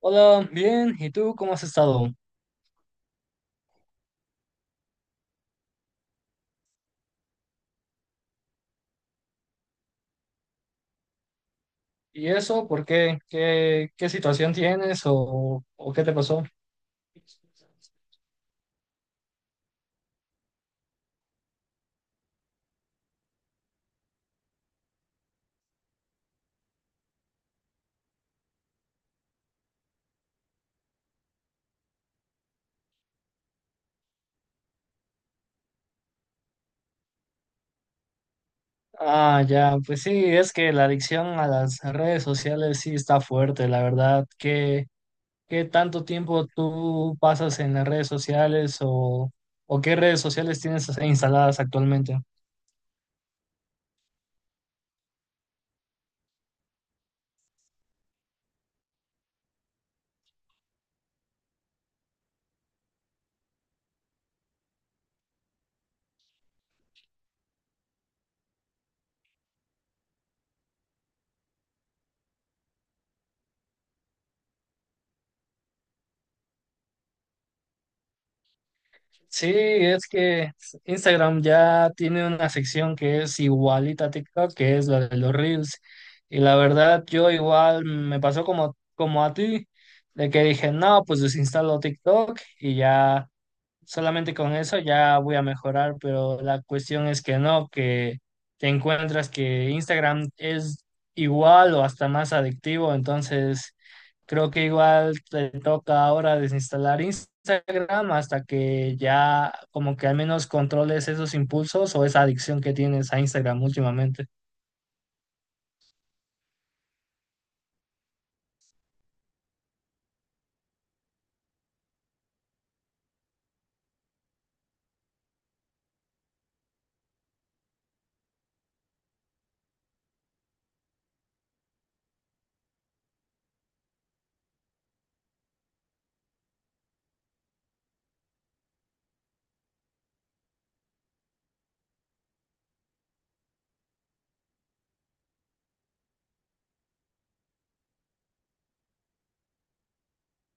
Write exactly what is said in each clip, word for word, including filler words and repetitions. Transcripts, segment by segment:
Hola, bien, ¿y tú cómo has estado? ¿Y eso por qué? ¿Qué, qué situación tienes o, o qué te pasó? Ah, ya, pues sí, es que la adicción a las redes sociales sí está fuerte, la verdad. ¿Qué, qué tanto tiempo tú pasas en las redes sociales o, o qué redes sociales tienes instaladas actualmente? Sí, es que Instagram ya tiene una sección que es igualita a TikTok, que es la de los Reels. Y la verdad, yo igual me pasó como, como a ti, de que dije, no, pues desinstalo TikTok y ya solamente con eso ya voy a mejorar, pero la cuestión es que no, que te encuentras que Instagram es igual o hasta más adictivo, entonces creo que igual te toca ahora desinstalar Instagram hasta que ya como que al menos controles esos impulsos o esa adicción que tienes a Instagram últimamente.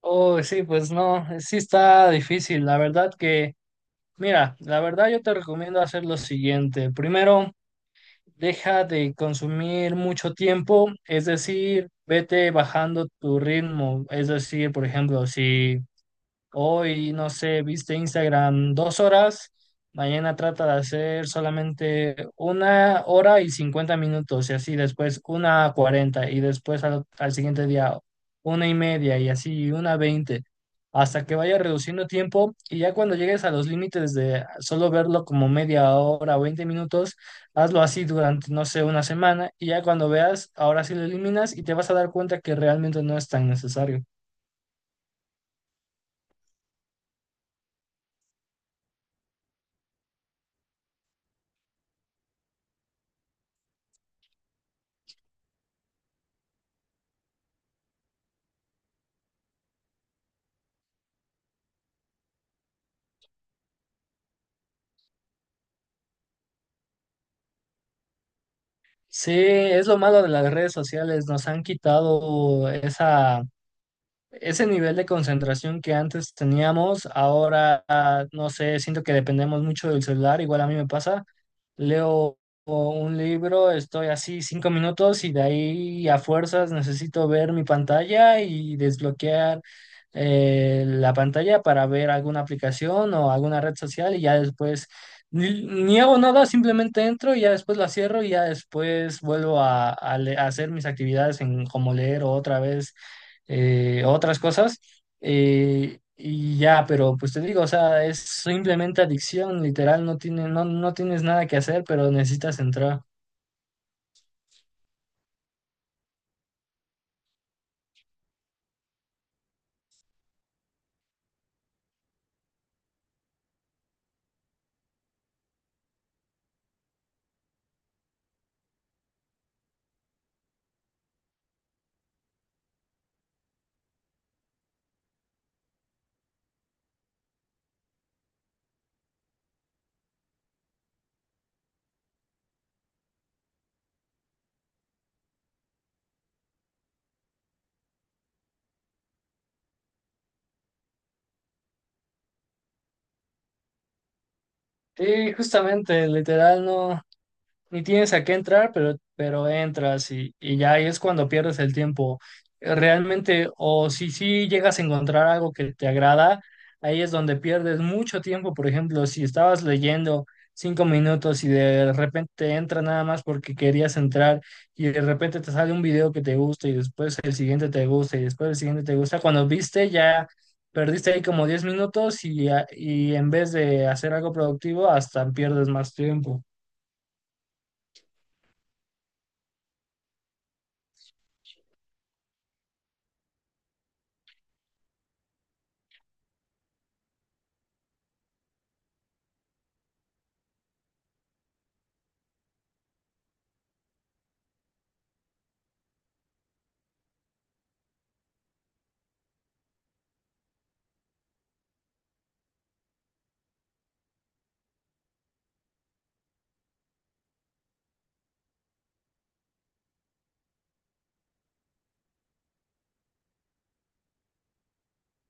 Oh, sí, pues no, sí está difícil. La verdad que, mira, la verdad yo te recomiendo hacer lo siguiente. Primero, deja de consumir mucho tiempo, es decir, vete bajando tu ritmo, es decir, por ejemplo, si... Hoy, no sé, viste Instagram dos horas, mañana trata de hacer solamente una hora y cincuenta minutos y así después una a cuarenta y después al, al siguiente día una y media y así una veinte hasta que vaya reduciendo tiempo y ya cuando llegues a los límites de solo verlo como media hora o veinte minutos, hazlo así durante, no sé, una semana y ya cuando veas, ahora sí lo eliminas y te vas a dar cuenta que realmente no es tan necesario. Sí, es lo malo de las redes sociales, nos han quitado esa, ese nivel de concentración que antes teníamos, ahora, ah, no sé, siento que dependemos mucho del celular, igual a mí me pasa. Leo un libro, estoy así cinco minutos y de ahí a fuerzas necesito ver mi pantalla y desbloquear eh, la pantalla para ver alguna aplicación o alguna red social y ya después ni, ni hago nada, simplemente entro y ya después la cierro y ya después vuelvo a, a le- a hacer mis actividades en como leer o otra vez eh, otras cosas. Eh, y ya, pero pues te digo, o sea, es simplemente adicción, literal, no tiene, no, no tienes nada que hacer, pero necesitas entrar. Sí, justamente, literal, no. Ni tienes a qué entrar, pero, pero entras y, y ya ahí es cuando pierdes el tiempo. Realmente, o si sí llegas a encontrar algo que te agrada, ahí es donde pierdes mucho tiempo. Por ejemplo, si estabas leyendo cinco minutos y de repente entra nada más porque querías entrar y de repente te sale un video que te gusta y después el siguiente te gusta y después el siguiente te gusta, cuando viste ya... Perdiste ahí como diez minutos y, a y en vez de hacer algo productivo, hasta pierdes más tiempo.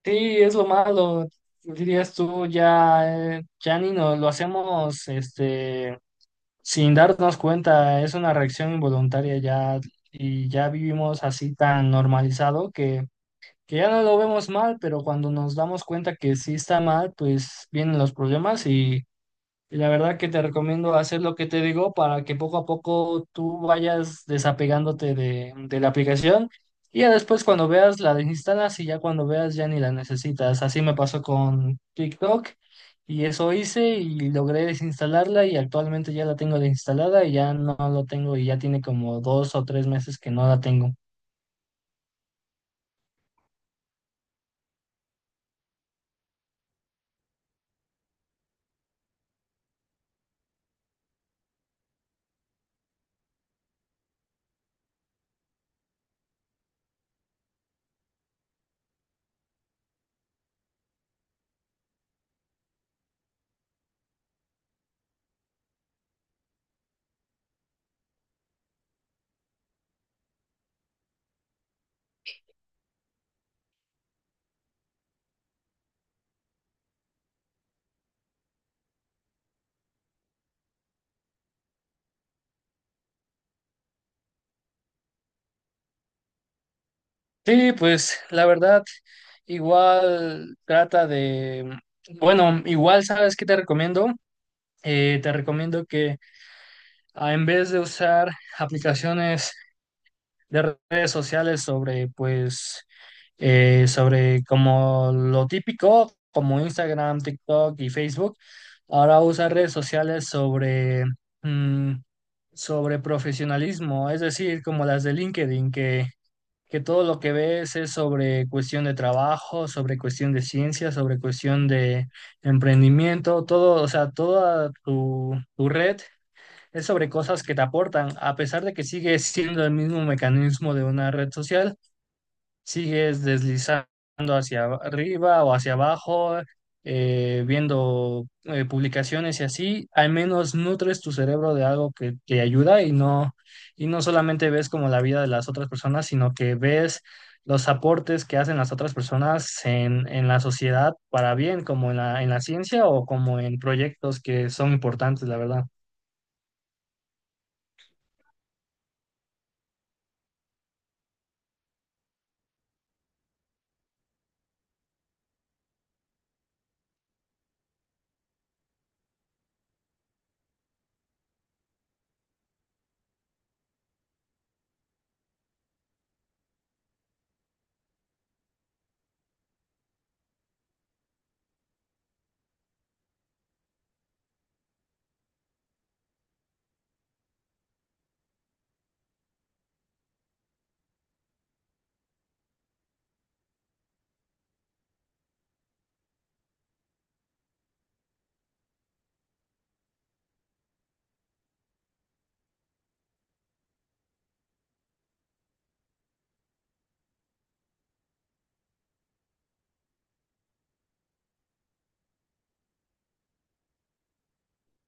Sí, es lo malo, dirías tú, ya, eh, ya ni nos lo hacemos este, sin darnos cuenta, es una reacción involuntaria ya y ya vivimos así tan normalizado que, que, ya no lo vemos mal, pero cuando nos damos cuenta que sí está mal, pues vienen los problemas y la verdad que te recomiendo hacer lo que te digo para que poco a poco tú vayas desapegándote de, de la aplicación y ya después cuando veas la desinstalas y ya cuando veas ya ni la necesitas. Así me pasó con TikTok y eso hice y logré desinstalarla y actualmente ya la tengo desinstalada y ya no lo tengo y ya tiene como dos o tres meses que no la tengo. Sí, pues la verdad, igual trata de, bueno, igual sabes qué te recomiendo. Eh, te recomiendo que a- en vez de usar aplicaciones de redes sociales sobre, pues, eh, sobre como lo típico, como Instagram, TikTok y Facebook, ahora usa redes sociales sobre, mm, sobre profesionalismo, es decir, como las de LinkedIn, que, que todo lo que ves es sobre cuestión de trabajo, sobre cuestión de ciencia, sobre cuestión de emprendimiento, todo, o sea, toda tu, tu red es sobre cosas que te aportan, a pesar de que sigue siendo el mismo mecanismo de una red social, sigues deslizando hacia arriba o hacia abajo, eh, viendo eh, publicaciones y así, al menos nutres tu cerebro de algo que te ayuda y no, y no solamente ves como la vida de las otras personas, sino que ves los aportes que hacen las otras personas en, en la sociedad para bien, como en la, en la ciencia o como en proyectos que son importantes, la verdad.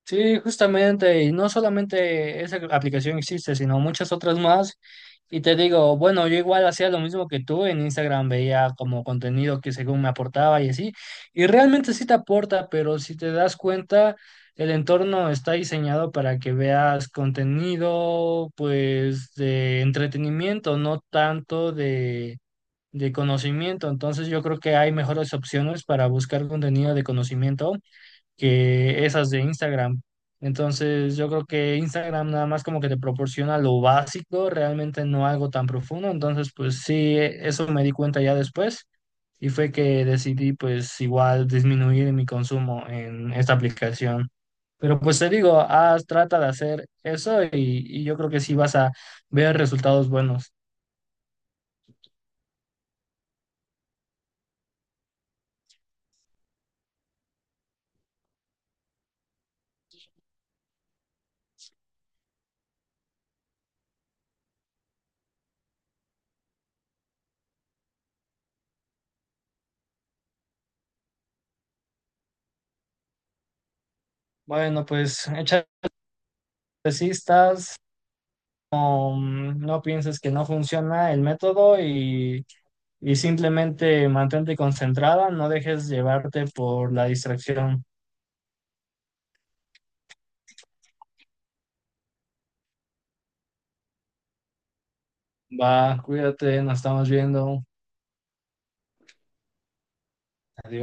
Sí, justamente, y no solamente esa aplicación existe, sino muchas otras más. Y te digo, bueno, yo igual hacía lo mismo que tú en Instagram, veía como contenido que según me aportaba y así. Y realmente sí te aporta, pero si te das cuenta, el entorno está diseñado para que veas contenido, pues, de entretenimiento, no tanto de, de conocimiento. Entonces yo creo que hay mejores opciones para buscar contenido de conocimiento que esas de Instagram. Entonces, yo creo que Instagram nada más como que te proporciona lo básico, realmente no algo tan profundo. Entonces, pues sí, e- eso me di cuenta ya después y fue que decidí pues igual disminuir mi consumo en esta aplicación. Pero pues te digo, haz, trata de hacer eso y, y yo creo que sí vas a ver resultados buenos. Bueno, pues échale cistas, no, no pienses que no funciona el método y simplemente mantente concentrada, no dejes llevarte por la distracción. Va, cuídate, nos estamos viendo. Adiós.